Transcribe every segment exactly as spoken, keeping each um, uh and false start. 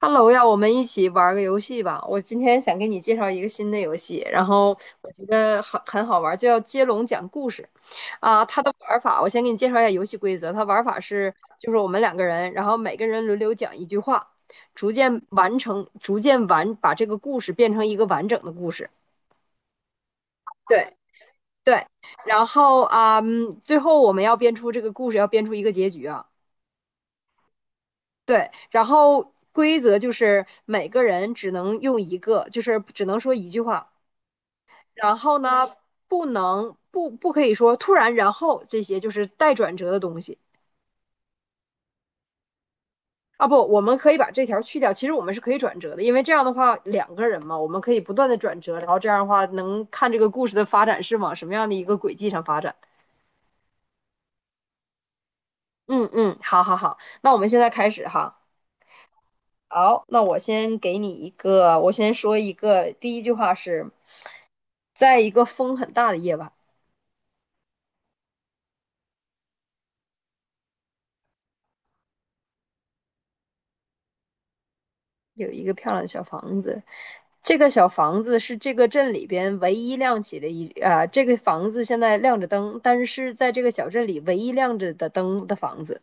Hello 呀，我们一起玩儿个游戏吧。我今天想给你介绍一个新的游戏，然后我觉得很很好玩儿，就叫接龙讲故事。啊、它的玩法我先给你介绍一下游戏规则。它玩法是，就是我们两个人，然后每个人轮流讲一句话，逐渐完成，逐渐完把这个故事变成一个完整的故事。对对，然后啊、嗯最后我们要编出这个故事，要编出一个结局啊。对，然后规则就是每个人只能用一个，就是只能说一句话。然后呢，不能不不可以说突然然后这些就是带转折的东西啊。不，我们可以把这条去掉。其实我们是可以转折的，因为这样的话两个人嘛，我们可以不断的转折，然后这样的话能看这个故事的发展是往什么样的一个轨迹上发展。嗯嗯，好好好，那我们现在开始哈。好，那我先给你一个，我先说一个，第一句话是，在一个风很大的夜晚，有一个漂亮的小房子，这个小房子是这个镇里边唯一亮起的一啊、这个房子现在亮着灯，但是在这个小镇里唯一亮着的灯的房子，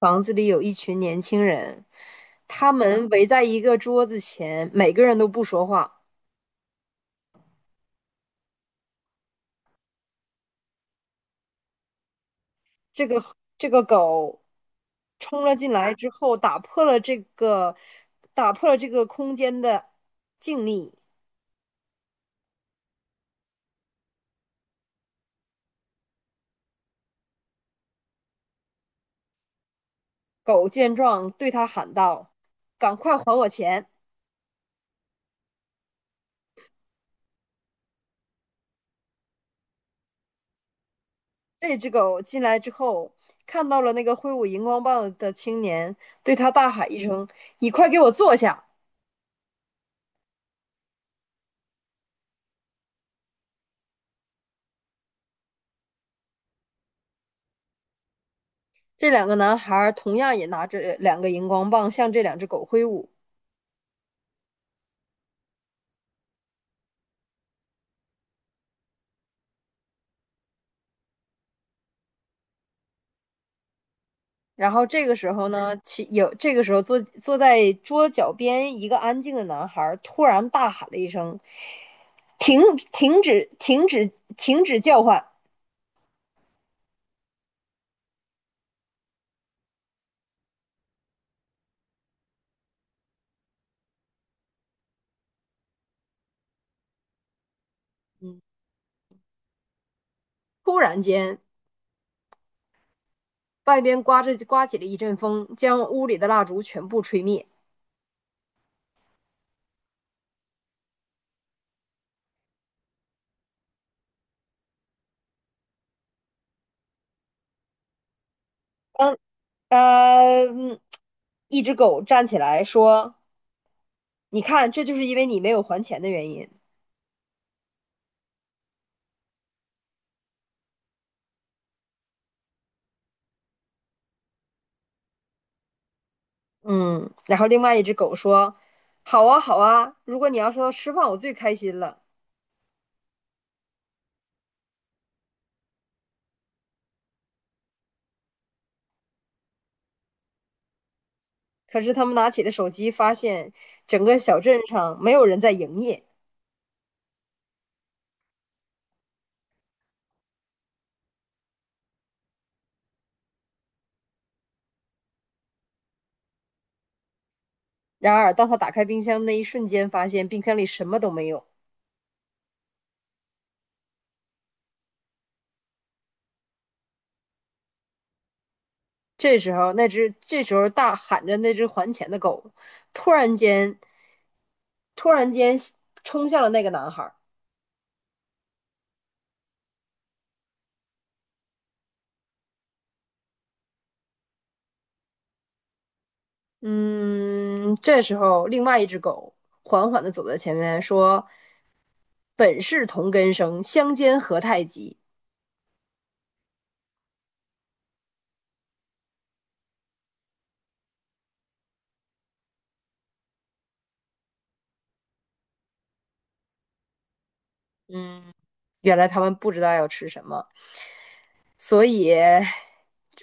房子里有一群年轻人，他们围在一个桌子前，每个人都不说话，这个这个狗冲了进来之后，打破了这个打破了这个空间的静谧。狗见状，对他喊道：“赶快还我钱！”这只狗进来之后，看到了那个挥舞荧光棒的青年，对他大喊一声：“你快给我坐下！”这两个男孩儿同样也拿着两个荧光棒向这两只狗挥舞。然后这个时候呢，其有这个时候坐坐在桌角边一个安静的男孩突然大喊了一声：“停！停止！停止！停止叫唤！”嗯，突然间，外边刮着刮起了一阵风，将屋里的蜡烛全部吹灭。当呃，嗯一只狗站起来说：“你看，这就是因为你没有还钱的原因。”嗯，然后另外一只狗说：“好啊，好啊，如果你要说吃饭，我最开心了。”可是他们拿起了手机，发现整个小镇上没有人在营业。然而，当他打开冰箱那一瞬间，发现冰箱里什么都没有。这时候，那只这时候大喊着那只还钱的狗，突然间，突然间冲向了那个男孩。嗯，这时候另外一只狗缓缓地走在前面，说：“本是同根生，相煎何太急。”原来他们不知道要吃什么。所以，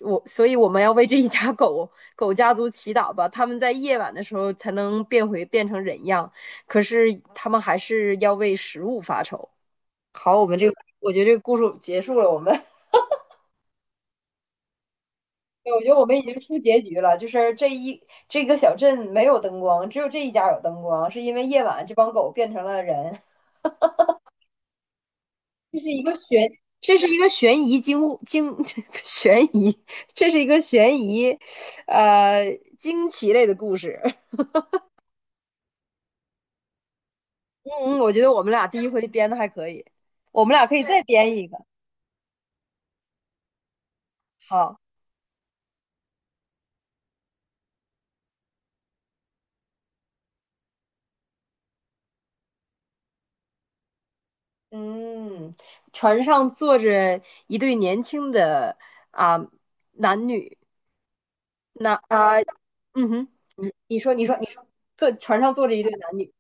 我所以我们要为这一家狗狗家族祈祷吧，他们在夜晚的时候才能变回变成人样，可是他们还是要为食物发愁。好，我们这个我觉得这个故事结束了，我们对，我觉得我们已经出结局了，就是这一这个小镇没有灯光，只有这一家有灯光，是因为夜晚这帮狗变成了人。这是一个悬，这是一个悬疑惊惊 悬疑，这是一个悬疑，呃，惊奇类的故事。嗯，我觉得我们俩第一回编的还可以，我们俩可以再编一个。好，嗯，船上坐着一对年轻的啊、男女，那啊、嗯哼，你说，你说，你说，坐船上坐着一对男女。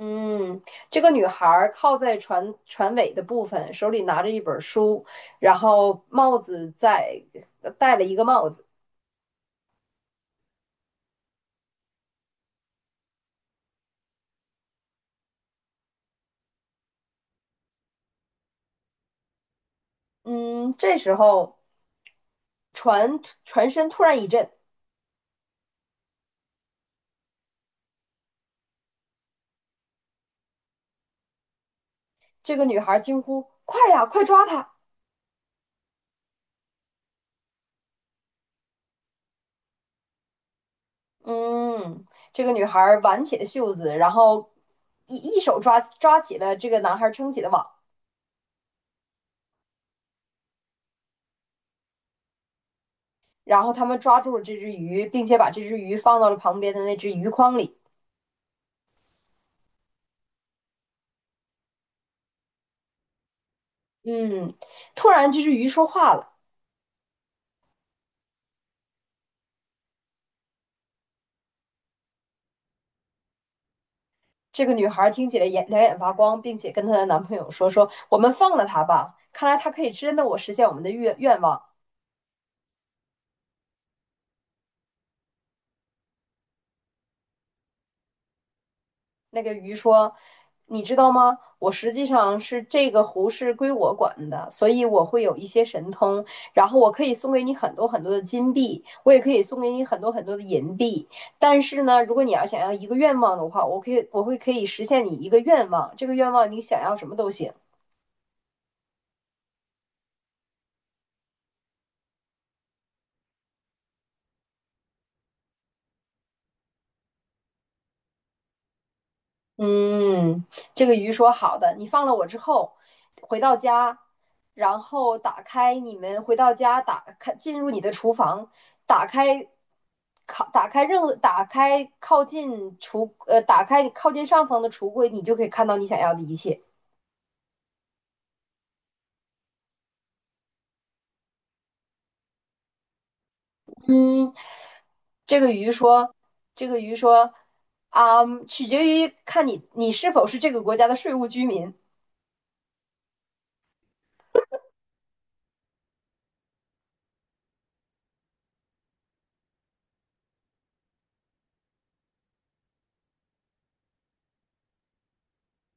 嗯，这个女孩儿靠在船船尾的部分，手里拿着一本书，然后帽子在呃戴了一个帽子。嗯，这时候船船身突然一震，这个女孩儿惊呼：“快呀，快抓她！”嗯，这个女孩儿挽起了袖子，然后一一手抓抓起了这个男孩儿撑起的网，然后他们抓住了这只鱼，并且把这只鱼放到了旁边的那只鱼筐里。嗯，突然这只鱼说话了。这个女孩听起来眼两眼发光，并且跟她的男朋友说：“说我们放了他吧，看来他可以真的我实现我们的愿愿望。”那个鱼说：“你知道吗？我实际上是这个湖是归我管的，所以我会有一些神通，然后我可以送给你很多很多的金币，我也可以送给你很多很多的银币。但是呢，如果你要想要一个愿望的话，我可以我会可以实现你一个愿望，这个愿望你想要什么都行。”嗯，这个鱼说好的，你放了我之后，回到家，然后打开你们回到家，打开进入你的厨房，打开靠打开任何打开靠近橱呃打开靠近上方的橱柜，你就可以看到你想要的一切。嗯，这个鱼说，这个鱼说，啊，取决于看你你是否是这个国家的税务居民。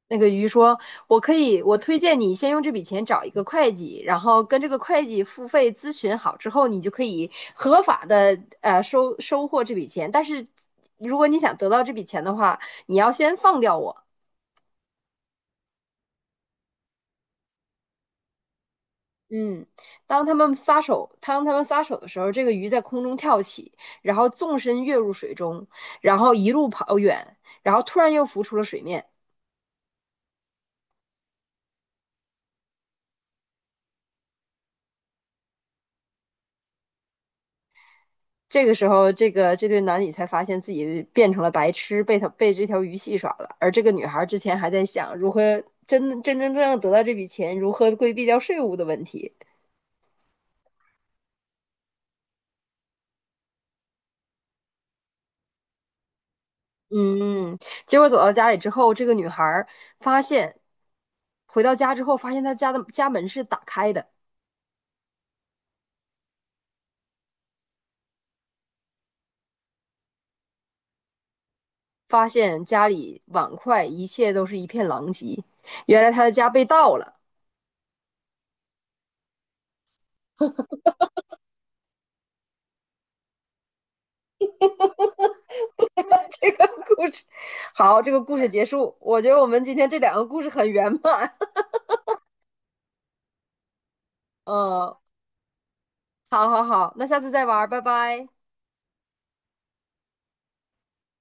那个鱼说：“我可以，我推荐你先用这笔钱找一个会计，然后跟这个会计付费咨询好之后，你就可以合法的呃收收获这笔钱。但是如果你想得到这笔钱的话，你要先放掉我。”嗯，当他们撒手，当他们撒手的时候，这个鱼在空中跳起，然后纵身跃入水中，然后一路跑远，然后突然又浮出了水面。这个时候，这个这对男女才发现自己变成了白痴，被他被这条鱼戏耍了。而这个女孩之前还在想如何真真真正正得到这笔钱，如何规避掉税务的问题。嗯，结果走到家里之后，这个女孩发现，回到家之后发现她家的家门是打开的，发现家里碗筷一切都是一片狼藉，原来她的家被盗了。这个故事，好，这个故事结束。我觉得我们今天这两个故事很圆满。嗯，好好好，那下次再玩儿，拜拜。